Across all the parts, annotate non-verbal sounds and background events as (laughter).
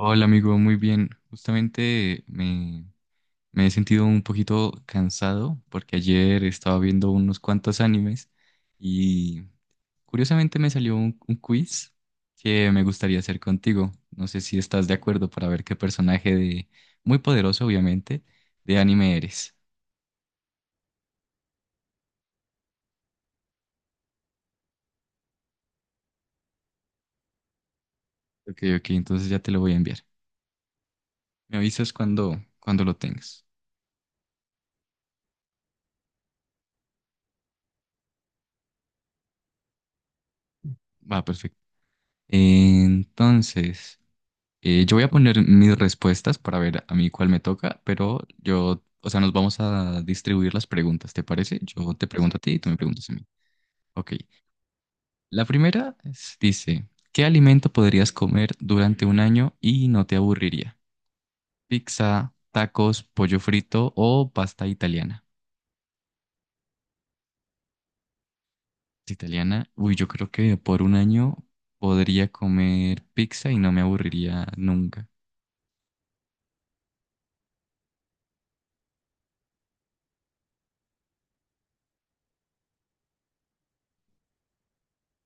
Hola amigo, muy bien. Justamente me he sentido un poquito cansado porque ayer estaba viendo unos cuantos animes y curiosamente me salió un quiz que me gustaría hacer contigo. No sé si estás de acuerdo para ver qué personaje de, muy poderoso obviamente, de anime eres. Ok, ok, entonces ya te lo voy a enviar. Me avisas cuando lo tengas. Va, perfecto. Entonces... yo voy a poner mis respuestas para ver a mí cuál me toca, pero yo, o sea, nos vamos a distribuir las preguntas, ¿te parece? Yo te pregunto a ti y tú me preguntas a mí. Ok. Dice, ¿qué alimento podrías comer durante un año y no te aburriría? Pizza, tacos, pollo frito o pasta italiana. Italiana, uy, yo creo que por un año podría comer pizza y no me aburriría nunca.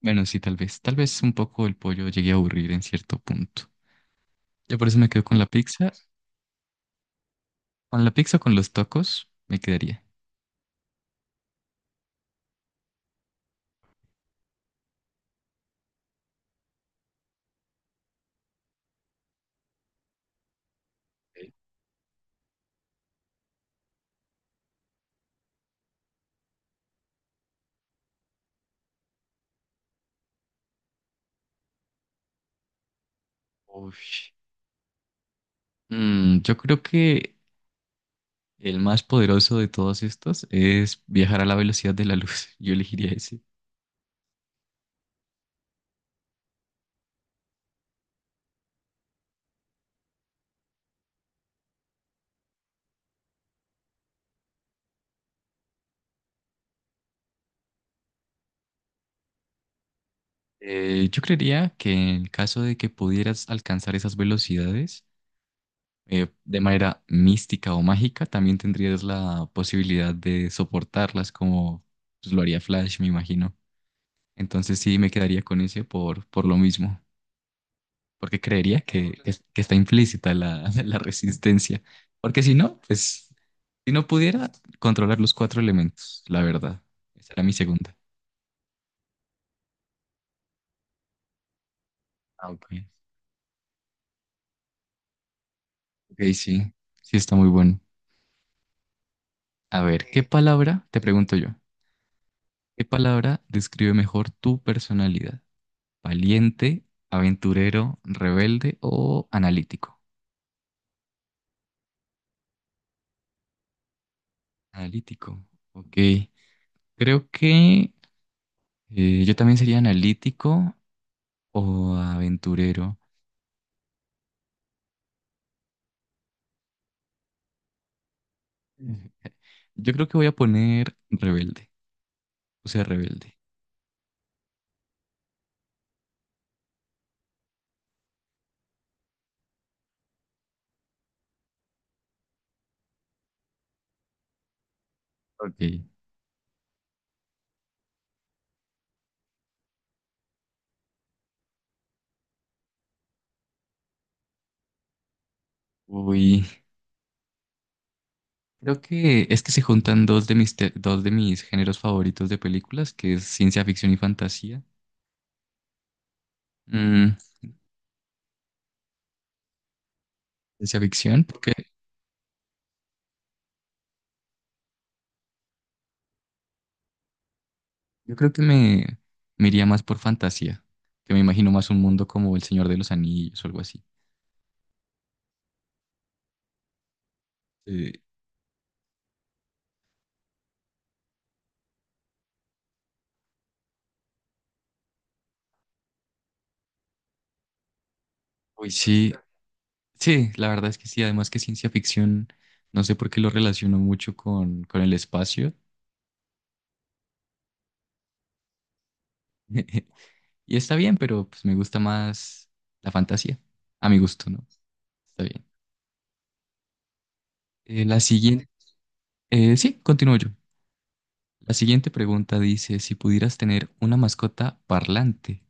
Bueno, sí, tal vez un poco el pollo llegue a aburrir en cierto punto. Yo por eso me quedo con la pizza. Con la pizza o con los tacos me quedaría. Uy. Yo creo que el más poderoso de todos estos es viajar a la velocidad de la luz. (laughs) Yo elegiría ese. Yo creería que en el caso de que pudieras alcanzar esas velocidades, de manera mística o mágica, también tendrías la posibilidad de soportarlas como pues, lo haría Flash, me imagino. Entonces sí, me quedaría con ese por lo mismo. Porque creería que está implícita la, (laughs) la resistencia. Porque si no, pues, si no pudiera controlar los cuatro elementos, la verdad. Esa era mi segunda. Ah, ok. Ok, sí, sí está muy bueno. A ver, ¿qué palabra, te pregunto yo, qué palabra describe mejor tu personalidad? ¿Valiente, aventurero, rebelde o analítico? Analítico, ok. Creo que yo también sería analítico o aventurero. (laughs) Yo creo que voy a poner rebelde, o sea, rebelde. Ok. Uy, creo que es que se juntan dos de dos de mis géneros favoritos de películas, que es ciencia ficción y fantasía. Mm, ciencia ficción, porque yo creo que me iría más por fantasía, que me imagino más un mundo como El Señor de los Anillos o algo así. Eh, uy, sí, sí, la verdad es que sí, además que ciencia ficción, no sé por qué lo relaciono mucho con el espacio. (laughs) Y está bien, pero pues me gusta más la fantasía. A mi gusto, ¿no? Está bien. Eh, la siguiente, sí, continúo yo. La siguiente pregunta dice, si pudieras tener una mascota parlante,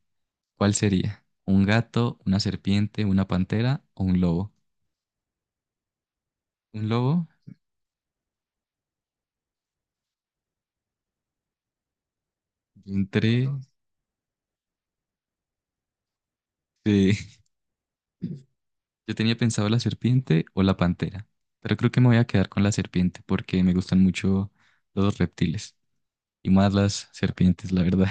¿cuál sería? ¿Un gato, una serpiente, una pantera o un lobo? Un lobo, yo entré, sí. (laughs) Yo tenía pensado la serpiente o la pantera, pero creo que me voy a quedar con la serpiente porque me gustan mucho los reptiles y más las serpientes, la verdad.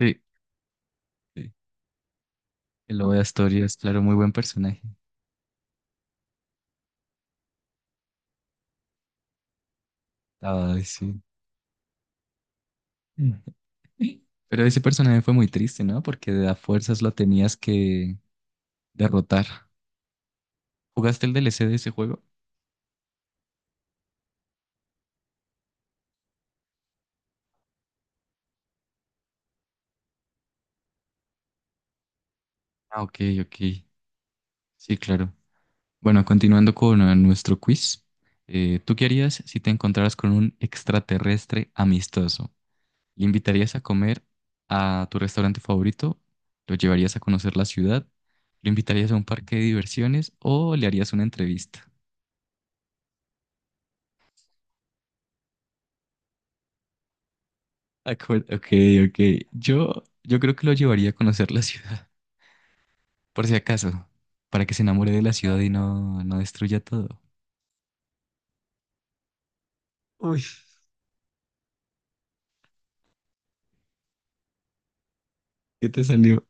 (laughs) Sí. El lobo de Asturias, claro, muy buen personaje. Ay, sí. Mm. (laughs) Pero ese personaje fue muy triste, ¿no? Porque de a fuerzas lo tenías que derrotar. ¿Jugaste el DLC de ese juego? Ah, ok, ok. Sí, claro. Bueno, continuando con nuestro quiz. ¿Tú qué harías si te encontraras con un extraterrestre amistoso? ¿Le invitarías a comer a tu restaurante favorito? ¿Lo llevarías a conocer la ciudad? ¿Lo invitarías a un parque de diversiones o le harías una entrevista? Ok, ok. Yo creo que lo llevaría a conocer la ciudad, (laughs) por si acaso, para que se enamore de la ciudad y no destruya todo. Uy, ¿qué te salió?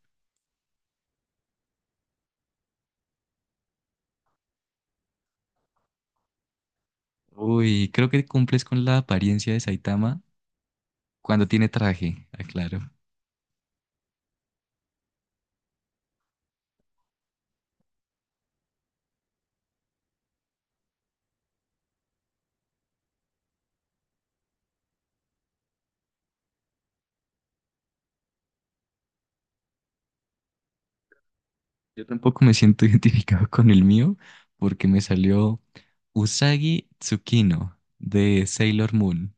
Uy, creo que cumples con la apariencia de Saitama cuando tiene traje, aclaro. Yo tampoco me siento (laughs) identificado con el mío porque me salió Usagi Tsukino de Sailor Moon,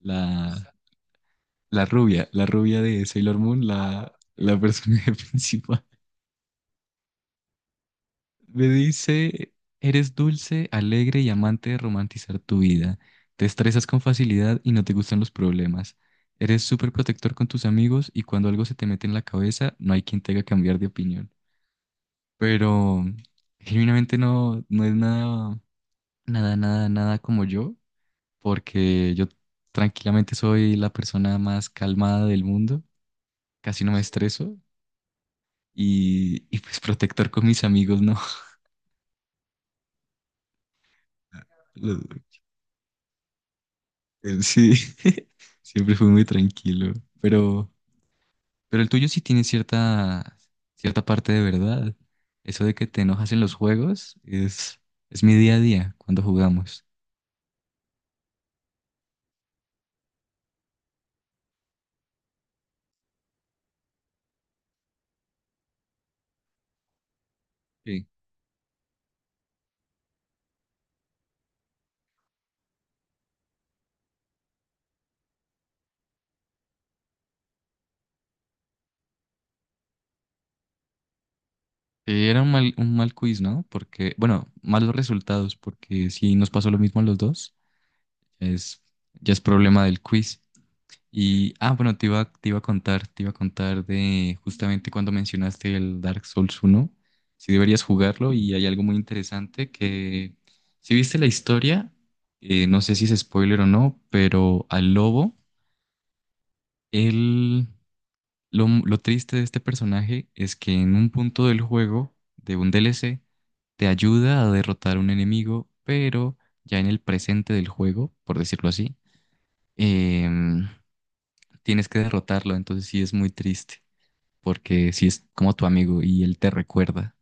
la, la rubia de Sailor Moon, la personaje (laughs) principal. Me dice, eres dulce, alegre y amante de romantizar tu vida. Te estresas con facilidad y no te gustan los problemas. Eres súper protector con tus amigos y cuando algo se te mete en la cabeza, no hay quien te haga cambiar de opinión. Pero genuinamente no es nada, nada, nada, nada como yo, porque yo tranquilamente soy la persona más calmada del mundo, casi no me estreso y pues protector con mis amigos, no. (laughs) Los- Sí, (laughs) siempre fue muy tranquilo, pero, pero el tuyo sí tiene cierta, cierta parte de verdad. Eso de que te enojas en los juegos es mi día a día cuando jugamos. Sí. Era un mal quiz, ¿no? Porque, bueno, malos resultados, porque si nos pasó lo mismo a los dos, es, ya es problema del quiz. Y, ah, bueno, te iba a contar, te iba a contar de justamente cuando mencionaste el Dark Souls 1 si deberías jugarlo y hay algo muy interesante que, si viste la historia, no sé si es spoiler o no, pero al lobo, él, lo triste de este personaje es que en un punto del juego, de un DLC, te ayuda a derrotar a un enemigo, pero ya en el presente del juego, por decirlo así, em, tienes que derrotarlo, entonces sí es muy triste, porque sí es como tu amigo y él te recuerda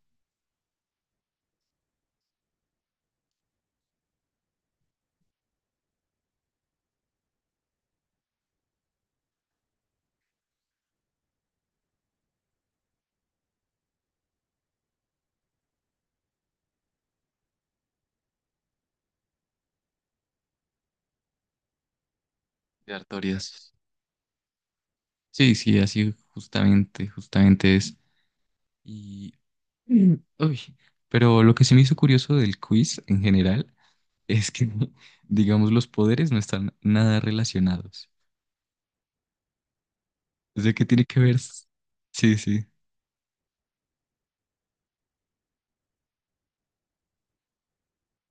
de Artorias. Sí, sí, así justamente, justamente es. Y, (clears throat) mm, uy, pero lo que se me hizo curioso del quiz en general es que, (laughs) digamos, los poderes no están nada relacionados. O sea, que tiene que ver, sí, sí,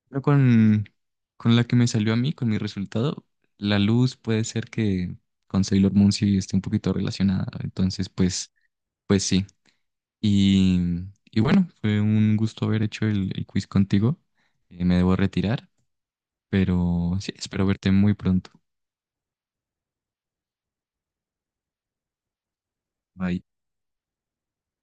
pero con la que me salió a mí, con mi resultado, la luz puede ser que con Sailor Moon sí esté un poquito relacionada, entonces pues pues sí. Y, y bueno, fue un gusto haber hecho el quiz contigo. Me debo retirar, pero sí, espero verte muy pronto. Bye.